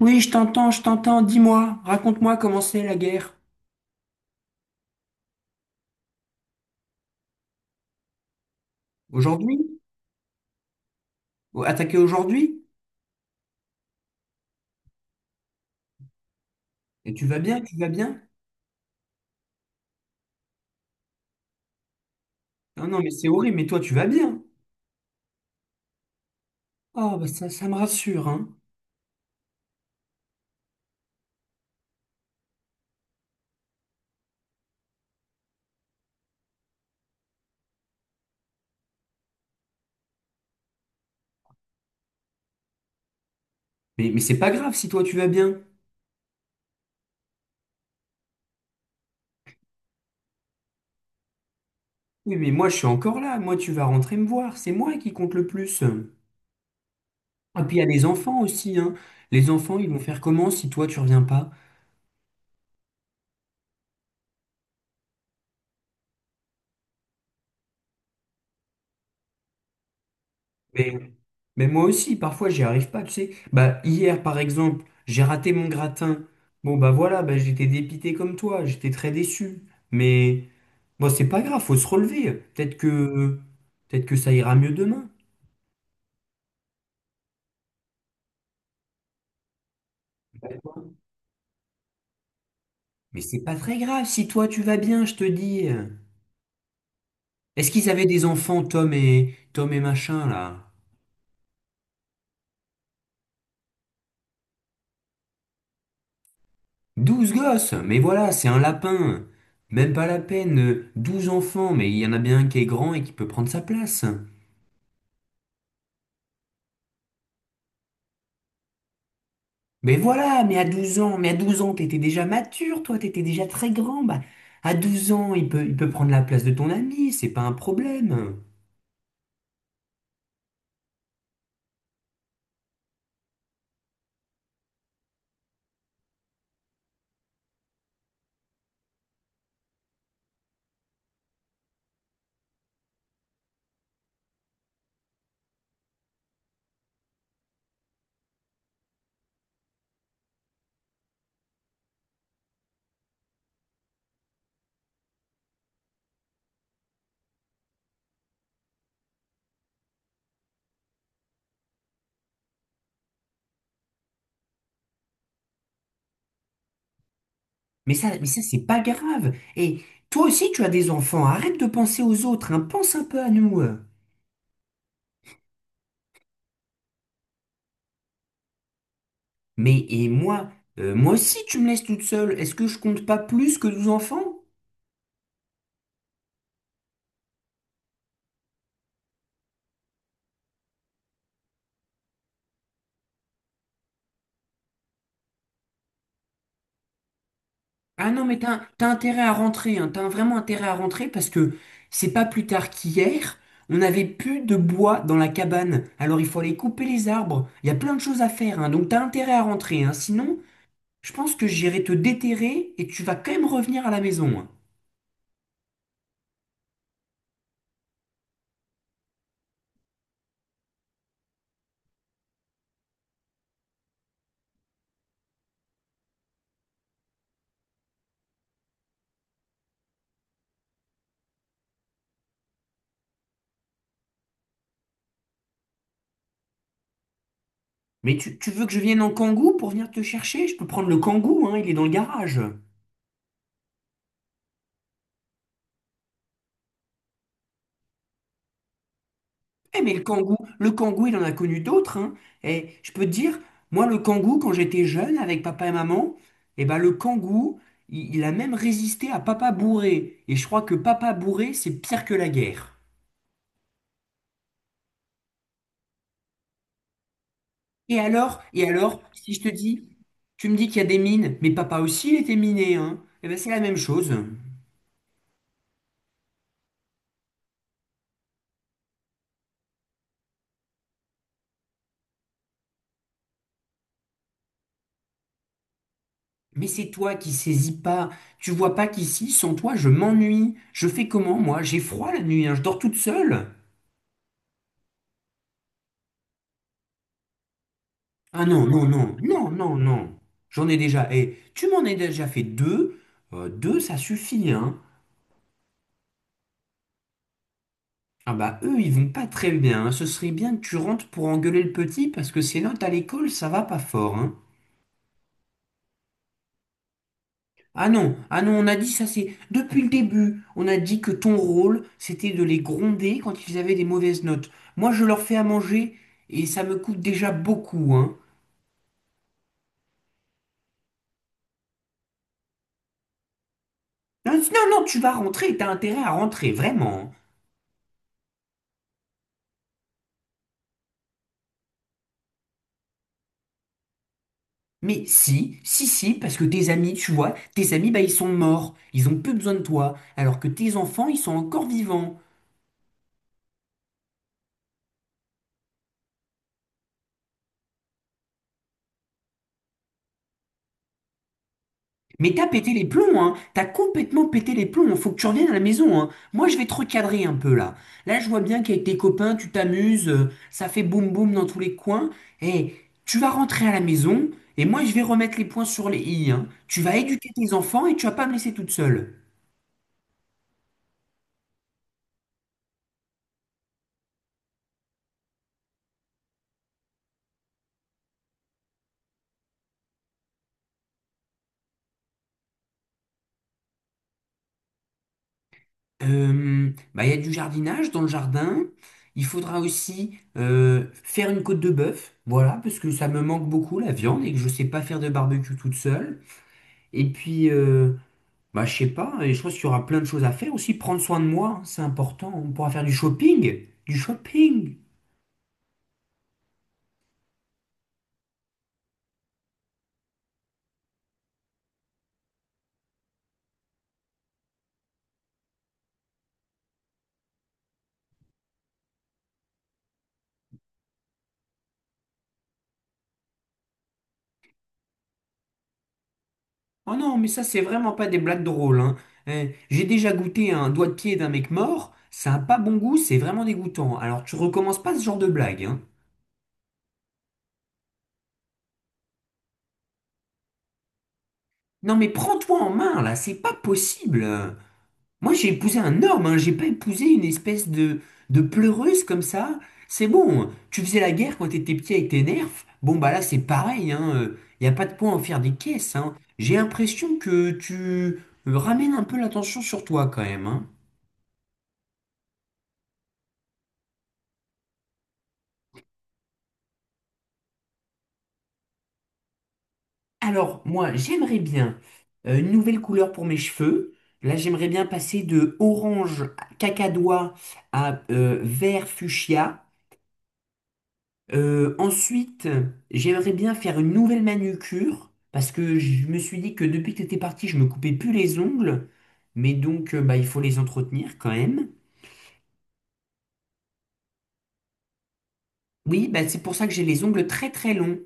Oui, je t'entends, je t'entends. Dis-moi, raconte-moi comment c'est la guerre. Aujourd'hui? Ou attaquer aujourd'hui? Et tu vas bien, tu vas bien? Non, non, mais c'est horrible, mais toi, tu vas bien. Oh, bah ça, ça me rassure, hein. Mais c'est pas grave si toi, tu vas bien. Oui, mais moi, je suis encore là. Moi, tu vas rentrer me voir. C'est moi qui compte le plus. Et puis, il y a les enfants aussi, hein. Les enfants, ils vont faire comment si toi, tu reviens pas? Mais moi aussi, parfois, j'y arrive pas, tu sais. Bah, hier, par exemple, j'ai raté mon gratin. Bon, bah voilà, bah, j'étais dépité comme toi, j'étais très déçu. Mais bon, c'est pas grave, faut se relever. Peut-être que ça ira mieux demain. Mais c'est pas très grave si toi tu vas bien, je te dis. Est-ce qu'ils avaient des enfants, Tom et machin là? 12 gosses, mais voilà, c'est un lapin. Même pas la peine, douze enfants, mais il y en a bien un qui est grand et qui peut prendre sa place. Mais voilà, mais à douze ans, t'étais déjà mature, toi, t'étais déjà très grand. Bah, à 12 ans, il peut prendre la place de ton ami, c'est pas un problème. Mais ça, c'est pas grave. Et toi aussi, tu as des enfants, arrête de penser aux autres, hein, pense un peu à nous. Mais, et moi, moi aussi, tu me laisses toute seule, est-ce que je compte pas plus que 12 enfants? Ah non, mais t'as intérêt à rentrer, hein. T'as vraiment intérêt à rentrer parce que c'est pas plus tard qu'hier, on n'avait plus de bois dans la cabane. Alors il faut aller couper les arbres. Il y a plein de choses à faire, hein. Donc t'as intérêt à rentrer, hein. Sinon, je pense que j'irai te déterrer et tu vas quand même revenir à la maison, hein. Mais tu veux que je vienne en kangou pour venir te chercher? Je peux prendre le kangou, hein. Il est dans le garage. Eh mais le kangou, il en a connu d'autres, hein. Et je peux te dire, moi, le kangou, quand j'étais jeune avec papa et maman, eh ben le kangou, il a même résisté à papa bourré. Et je crois que papa bourré, c'est pire que la guerre. Et alors, si je te dis, tu me dis qu'il y a des mines, mais papa aussi, il était miné, hein. Eh ben c'est la même chose. Mais c'est toi qui saisis pas. Tu vois pas qu'ici, sans toi, je m'ennuie. Je fais comment, moi? J'ai froid la nuit, hein. Je dors toute seule. Ah non, non, non, non, non, non. J'en ai déjà. Et tu m'en as déjà fait deux. Deux, ça suffit, hein. Ah bah eux, ils vont pas très bien, hein. Ce serait bien que tu rentres pour engueuler le petit parce que ses notes à l'école, ça va pas fort, hein. Ah non, ah non, on a dit ça, c'est depuis le début. On a dit que ton rôle, c'était de les gronder quand ils avaient des mauvaises notes. Moi, je leur fais à manger et ça me coûte déjà beaucoup, hein. Non, non, non, tu vas rentrer, t'as intérêt à rentrer, vraiment, hein. Mais si, si, si, parce que tes amis, tu vois, tes amis, bah, ils sont morts, ils ont plus besoin de toi, alors que tes enfants, ils sont encore vivants. Mais t'as pété les plombs, hein, t'as complètement pété les plombs, faut que tu reviennes à la maison, hein. Moi, je vais te recadrer un peu là. Là, je vois bien qu'avec tes copains, tu t'amuses, ça fait boum boum dans tous les coins. Et tu vas rentrer à la maison, et moi, je vais remettre les points sur les i, hein. Tu vas éduquer tes enfants et tu vas pas me laisser toute seule. Bah, il y a du jardinage dans le jardin. Il faudra aussi faire une côte de bœuf, voilà, parce que ça me manque beaucoup la viande et que je sais pas faire de barbecue toute seule. Et puis, bah, je sais pas, et je pense qu'il y aura plein de choses à faire aussi. Prendre soin de moi, hein, c'est important. On pourra faire du shopping, du shopping. Oh non, mais ça, c'est vraiment pas des blagues drôles, hein. Eh, j'ai déjà goûté un doigt de pied d'un mec mort. Ça a pas bon goût, c'est vraiment dégoûtant. Alors, tu recommences pas ce genre de blague, hein. Non mais prends-toi en main là, c'est pas possible. Moi j'ai épousé un homme, hein, j'ai pas épousé une espèce de, pleureuse comme ça. C'est bon, tu faisais la guerre quand t'étais petit avec tes nerfs. Bon bah là c'est pareil, hein. Y a pas de point à en faire des caisses, hein. J'ai l'impression que tu ramènes un peu l'attention sur toi quand même, hein. Alors moi j'aimerais bien une nouvelle couleur pour mes cheveux. Là j'aimerais bien passer de orange cacadois à vert fuchsia. Ensuite, j'aimerais bien faire une nouvelle manucure parce que je me suis dit que depuis que t'étais parti, je me coupais plus les ongles, mais donc bah, il faut les entretenir quand même. Oui, bah, c'est pour ça que j'ai les ongles très très longs.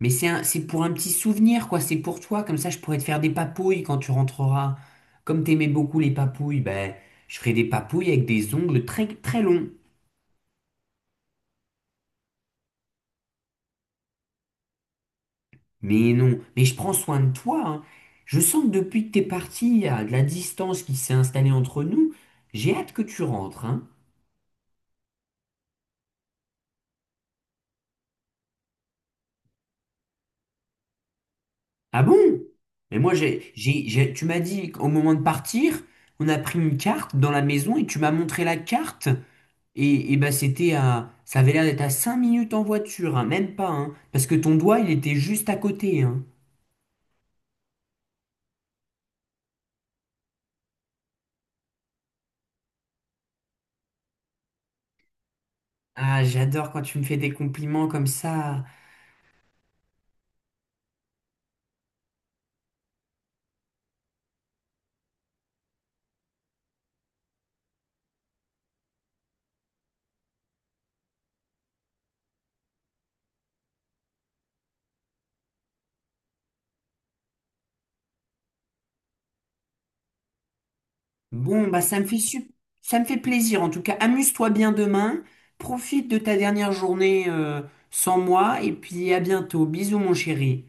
Mais c'est pour un petit souvenir, quoi. C'est pour toi, comme ça je pourrais te faire des papouilles quand tu rentreras. Comme t'aimais beaucoup les papouilles, bah, je ferai des papouilles avec des ongles très très longs. Mais non, mais je prends soin de toi, hein. Je sens que depuis que t'es parti, il y a de la distance qui s'est installée entre nous. J'ai hâte que tu rentres, hein. Ah bon? Mais moi, tu m'as dit qu'au moment de partir, on a pris une carte dans la maison et tu m'as montré la carte. Et bah ça avait l'air d'être à 5 minutes en voiture, hein, même pas, hein, parce que ton doigt, il était juste à côté, hein. Ah, j'adore quand tu me fais des compliments comme ça. Bon, bah ça me fait plaisir. En tout cas, amuse-toi bien demain. Profite de ta dernière journée sans moi et puis à bientôt. Bisous mon chéri.